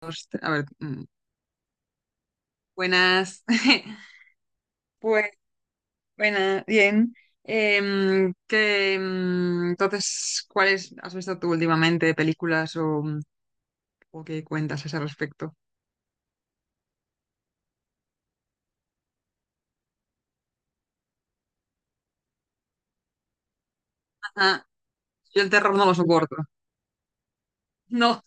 Dos, a ver, buenas. Pues, buena, bien. Que, entonces, ¿cuáles has visto tú últimamente de películas o, o qué cuentas a ese respecto? Ajá. Yo el terror no lo soporto. No,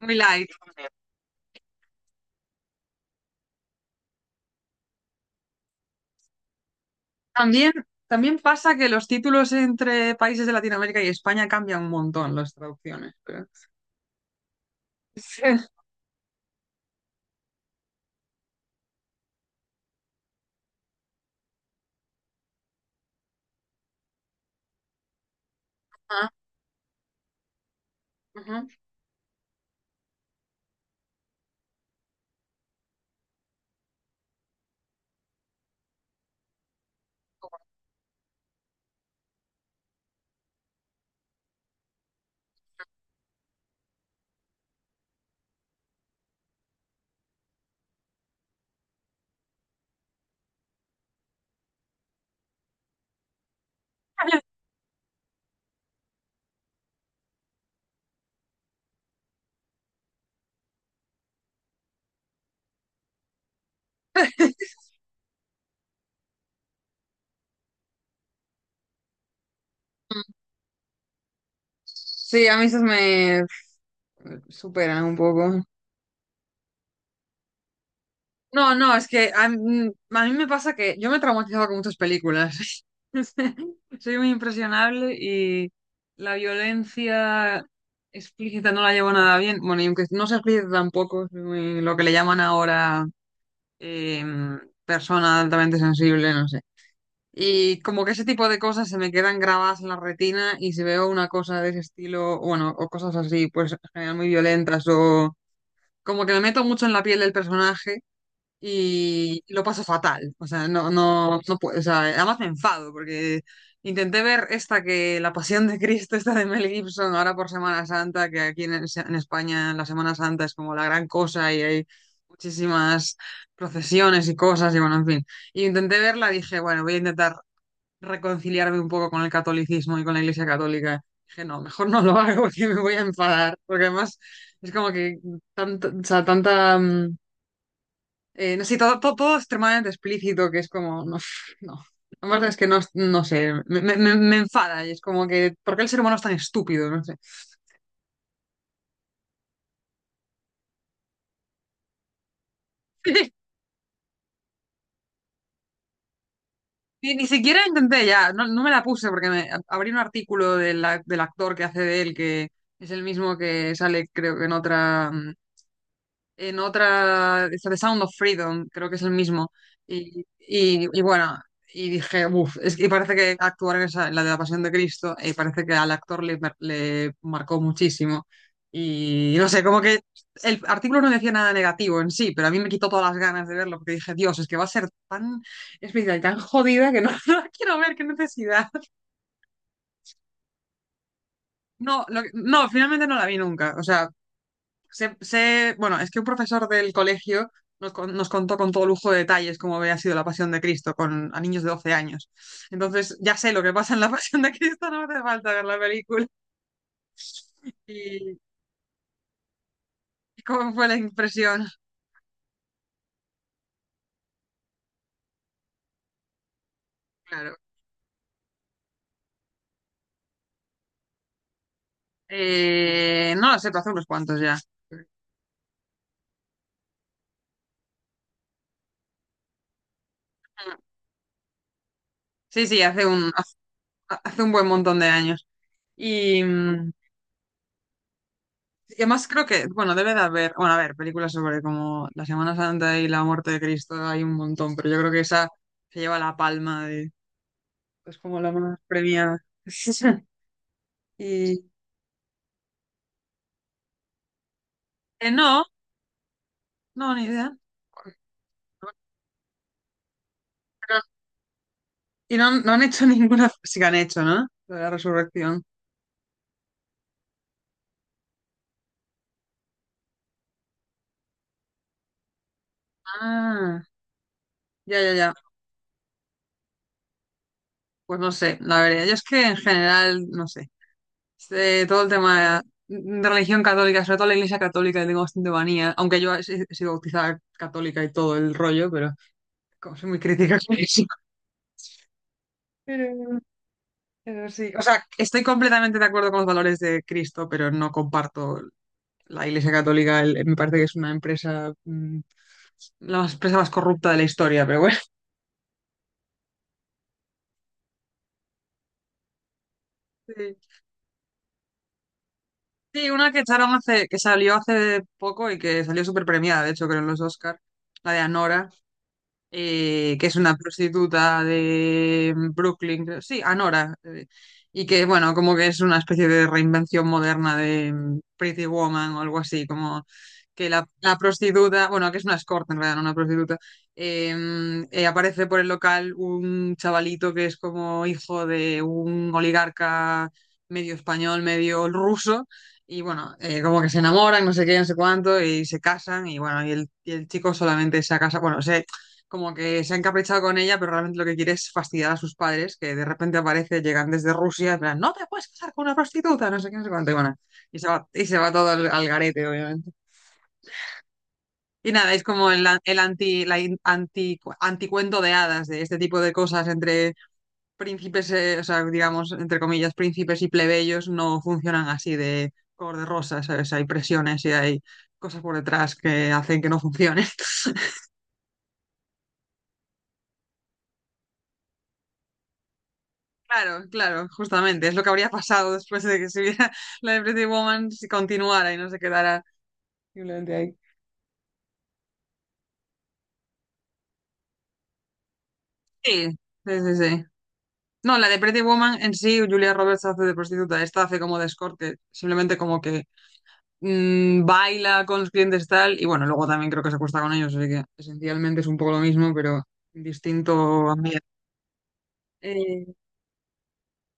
muy light. También, también pasa que los títulos entre países de Latinoamérica y España cambian un montón las traducciones, Sí. Ah, ajá. Sí, a mí esos me superan un poco. No, no, es que a mí me pasa que yo me he traumatizado con muchas películas. Soy muy impresionable y la violencia explícita no la llevo nada bien. Bueno, y aunque no sea explícita tampoco, soy lo que le llaman ahora eh, persona altamente sensible, no sé. Y como que ese tipo de cosas se me quedan grabadas en la retina y si veo una cosa de ese estilo, bueno, o cosas así, pues en general muy violentas o como que me meto mucho en la piel del personaje y lo paso fatal. O sea, no, no, no puedo. O sea, además me enfado porque intenté ver esta que La Pasión de Cristo, esta de Mel Gibson, ahora por Semana Santa, que aquí en España la Semana Santa es como la gran cosa y hay muchísimas procesiones y cosas y bueno, en fin. Y intenté verla, dije, bueno, voy a intentar reconciliarme un poco con el catolicismo y con la Iglesia Católica. Dije, no, mejor no lo hago porque me voy a enfadar, porque además es como que tanta, o sea, tanta no sé, todo, todo, todo extremadamente explícito, que es como, no, no. La verdad es que no, no sé, me enfada y es como que, ¿por qué el ser humano es tan estúpido? No sé. Ni siquiera intenté ya, no, no me la puse porque me abrí un artículo del actor que hace de él, que es el mismo que sale, creo que en otra, esta de Sound of Freedom, creo que es el mismo. Y bueno, y dije, uff, es que parece que actuar en esa, en la de la Pasión de Cristo, parece que al actor le marcó muchísimo. Y no sé, como que el artículo no decía nada negativo en sí, pero a mí me quitó todas las ganas de verlo, porque dije, Dios, es que va a ser tan especial y tan jodida que no, no la quiero ver, qué necesidad. No, no, finalmente no la vi nunca. O sea, bueno, es que un profesor del colegio nos contó con todo lujo de detalles cómo había sido la Pasión de Cristo con, a niños de 12 años. Entonces, ya sé lo que pasa en la Pasión de Cristo, no hace falta ver la película. ¿Y, y cómo fue la impresión? Claro. No lo sé, pero hace unos cuantos ya. Sí, sí, hace un buen montón de años. Y, mm, Y además creo que, bueno, debe de haber, bueno, a ver, películas sobre como la Semana Santa y la muerte de Cristo, hay un montón, pero yo creo que esa se lleva la palma de, pues como la más premiada. Y no, no, ni idea. Y no, no han hecho ninguna, sí que han hecho, ¿no? Lo de la resurrección. Ah, ya, ya, ya. Pues no sé, la verdad, yo es que en general, no sé, este, todo el tema de religión católica, sobre todo la iglesia católica, le tengo bastante manía, aunque yo he, si, he sido bautizada católica y todo el rollo, pero como soy muy crítica con eso. Pero, pero sí, o sea, estoy completamente de acuerdo con los valores de Cristo, pero no comparto la iglesia católica, me parece que es una empresa, empresa más corrupta de la historia, pero bueno. Sí. Sí, una que echaron hace, que salió hace poco y que salió súper premiada, de hecho, creo en los Oscar, la de Anora, que es una prostituta de Brooklyn, creo- sí, Anora, y que, bueno, como que es una especie de reinvención moderna de Pretty Woman o algo así, como que la prostituta, bueno, que es una escort en realidad, no una prostituta, eh, aparece por el local un chavalito que es como hijo de un oligarca medio español, medio ruso. Y bueno, como que se enamoran, no sé qué, no sé cuánto, y se casan, y bueno, y el chico solamente se casa, bueno, como que se ha encaprichado con ella, pero realmente lo que quiere es fastidiar a sus padres, que de repente aparece, llegan desde Rusia, en plan, no te puedes casar con una prostituta, no sé qué, no sé cuánto, y bueno, y se va todo al, al garete, obviamente. Y nada, es como el, an- el anti, la in- anti, anticuento de hadas, de este tipo de cosas entre príncipes, o sea, digamos, entre comillas, príncipes y plebeyos no funcionan así de color de rosa, ¿sabes? Hay presiones y hay cosas por detrás que hacen que no funcione. Claro, claro, justamente. Es lo que habría pasado después de que se viera la de Pretty Woman si continuara y no se quedara simplemente ahí. Sí, sí, sí, sí. No, la de Pretty Woman en sí, Julia Roberts hace de prostituta, esta hace como de escorte, simplemente como que baila con los clientes tal, y bueno, luego también creo que se acuesta con ellos, así que esencialmente es un poco lo mismo, pero en distinto ambiente. Eh,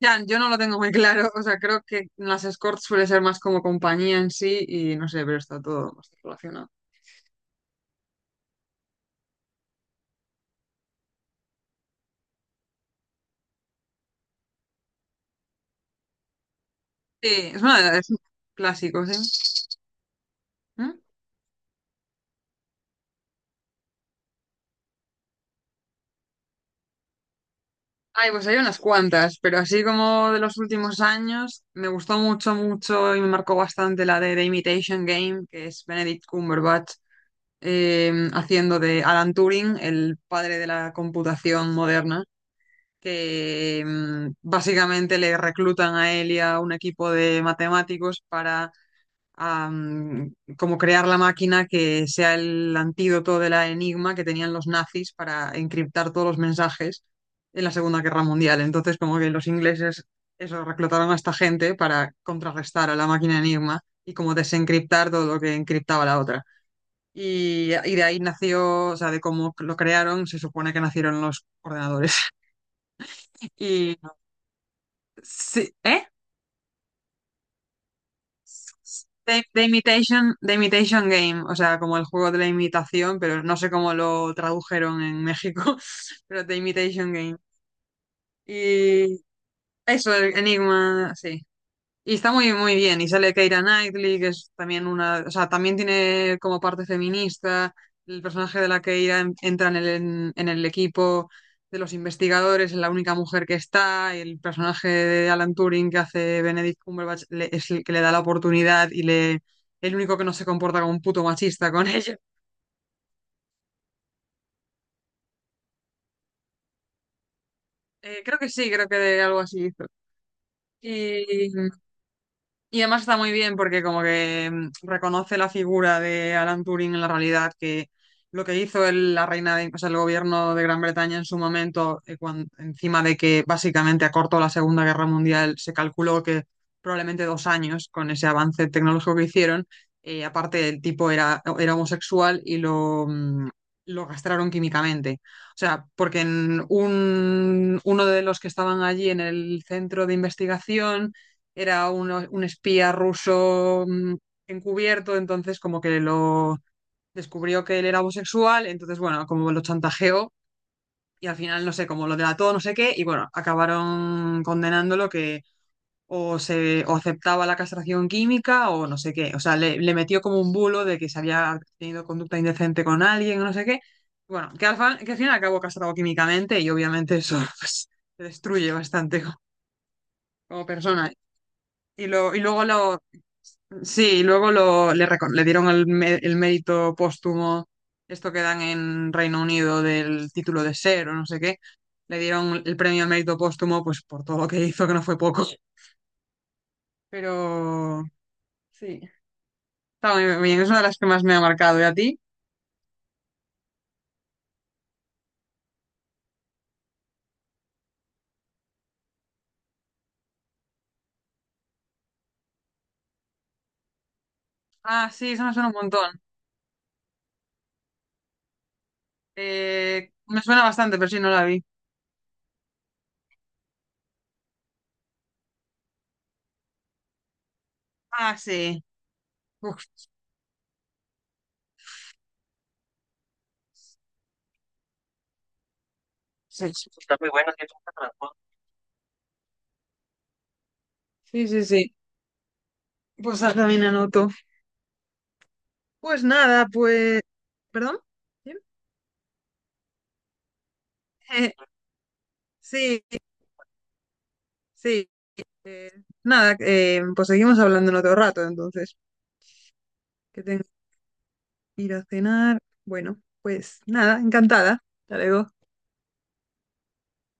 ya, yo no lo tengo muy claro, o sea, creo que las escorts suele ser más como compañía en sí, y no sé, pero está todo bastante relacionado. Sí, es, una, es un clásico, sí. ¿Mm? Ay, pues hay unas cuantas, pero así como de los últimos años, me gustó mucho, mucho y me marcó bastante la de The Imitation Game, que es Benedict Cumberbatch haciendo de Alan Turing, el padre de la computación moderna, que básicamente le reclutan a él y a un equipo de matemáticos para como crear la máquina que sea el antídoto de la enigma que tenían los nazis para encriptar todos los mensajes en la Segunda Guerra Mundial. Entonces, como que los ingleses eso, reclutaron a esta gente para contrarrestar a la máquina enigma y como desencriptar todo lo que encriptaba la otra. Y de ahí nació, o sea, de cómo lo crearon, se supone que nacieron los ordenadores. Y sí, ¿eh? The, The Imitation, The Imitation Game, o sea, como el juego de la imitación, pero no sé cómo lo tradujeron en México, pero The Imitation Game. Y eso, el Enigma, sí. Y está muy, muy bien. Y sale Keira Knightley, que es también una, o sea, también tiene como parte feminista. El personaje de la Keira entra en el equipo de los investigadores, es la única mujer que está. Y el personaje de Alan Turing que hace Benedict Cumberbatch es el que le da la oportunidad y le, el único que no se comporta como un puto machista con ella. Creo que sí, creo que de algo así hizo. Y, además está muy bien porque como que reconoce la figura de Alan Turing en la realidad, que lo que hizo la reina de, o sea, el gobierno de Gran Bretaña en su momento, encima de que básicamente acortó la Segunda Guerra Mundial, se calculó que probablemente 2 años con ese avance tecnológico que hicieron. Eh, aparte, el tipo era, era homosexual y lo, lo castraron químicamente. O sea, porque uno de los que estaban allí en el centro de investigación era un espía ruso encubierto, entonces como que lo descubrió que él era homosexual, entonces bueno, como lo chantajeó y al final no sé, como lo delató, no sé qué, y bueno, acabaron condenándolo que o se o aceptaba la castración química o no sé qué, o sea, le metió como un bulo de que se había tenido conducta indecente con alguien o no sé qué. Bueno, que al final acabó castrado químicamente y obviamente eso pues, te destruye bastante como como persona. Y, lo, y luego lo, Sí, y luego lo, le dieron el mérito póstumo, esto que dan en Reino Unido del título de ser o no sé qué, le dieron el premio al mérito póstumo pues por todo lo que hizo, que no fue poco. Pero sí, está muy bien, es una de las que más me ha marcado. ¿Y a ti? Ah, sí, eso me suena un montón. Me suena bastante, pero sí, no la vi. Ah, sí. Uf, sí, sí. Está muy bueno, tiene mucha trasfondo. Sí, sí, sí. Pues haz también anoto. Pues nada, pues... ¿Perdón? ¿Sí? Sí, sí. eh, Nada, pues seguimos hablando en otro rato, entonces, que tengo que ir a cenar. Bueno, pues nada, encantada. Hasta luego.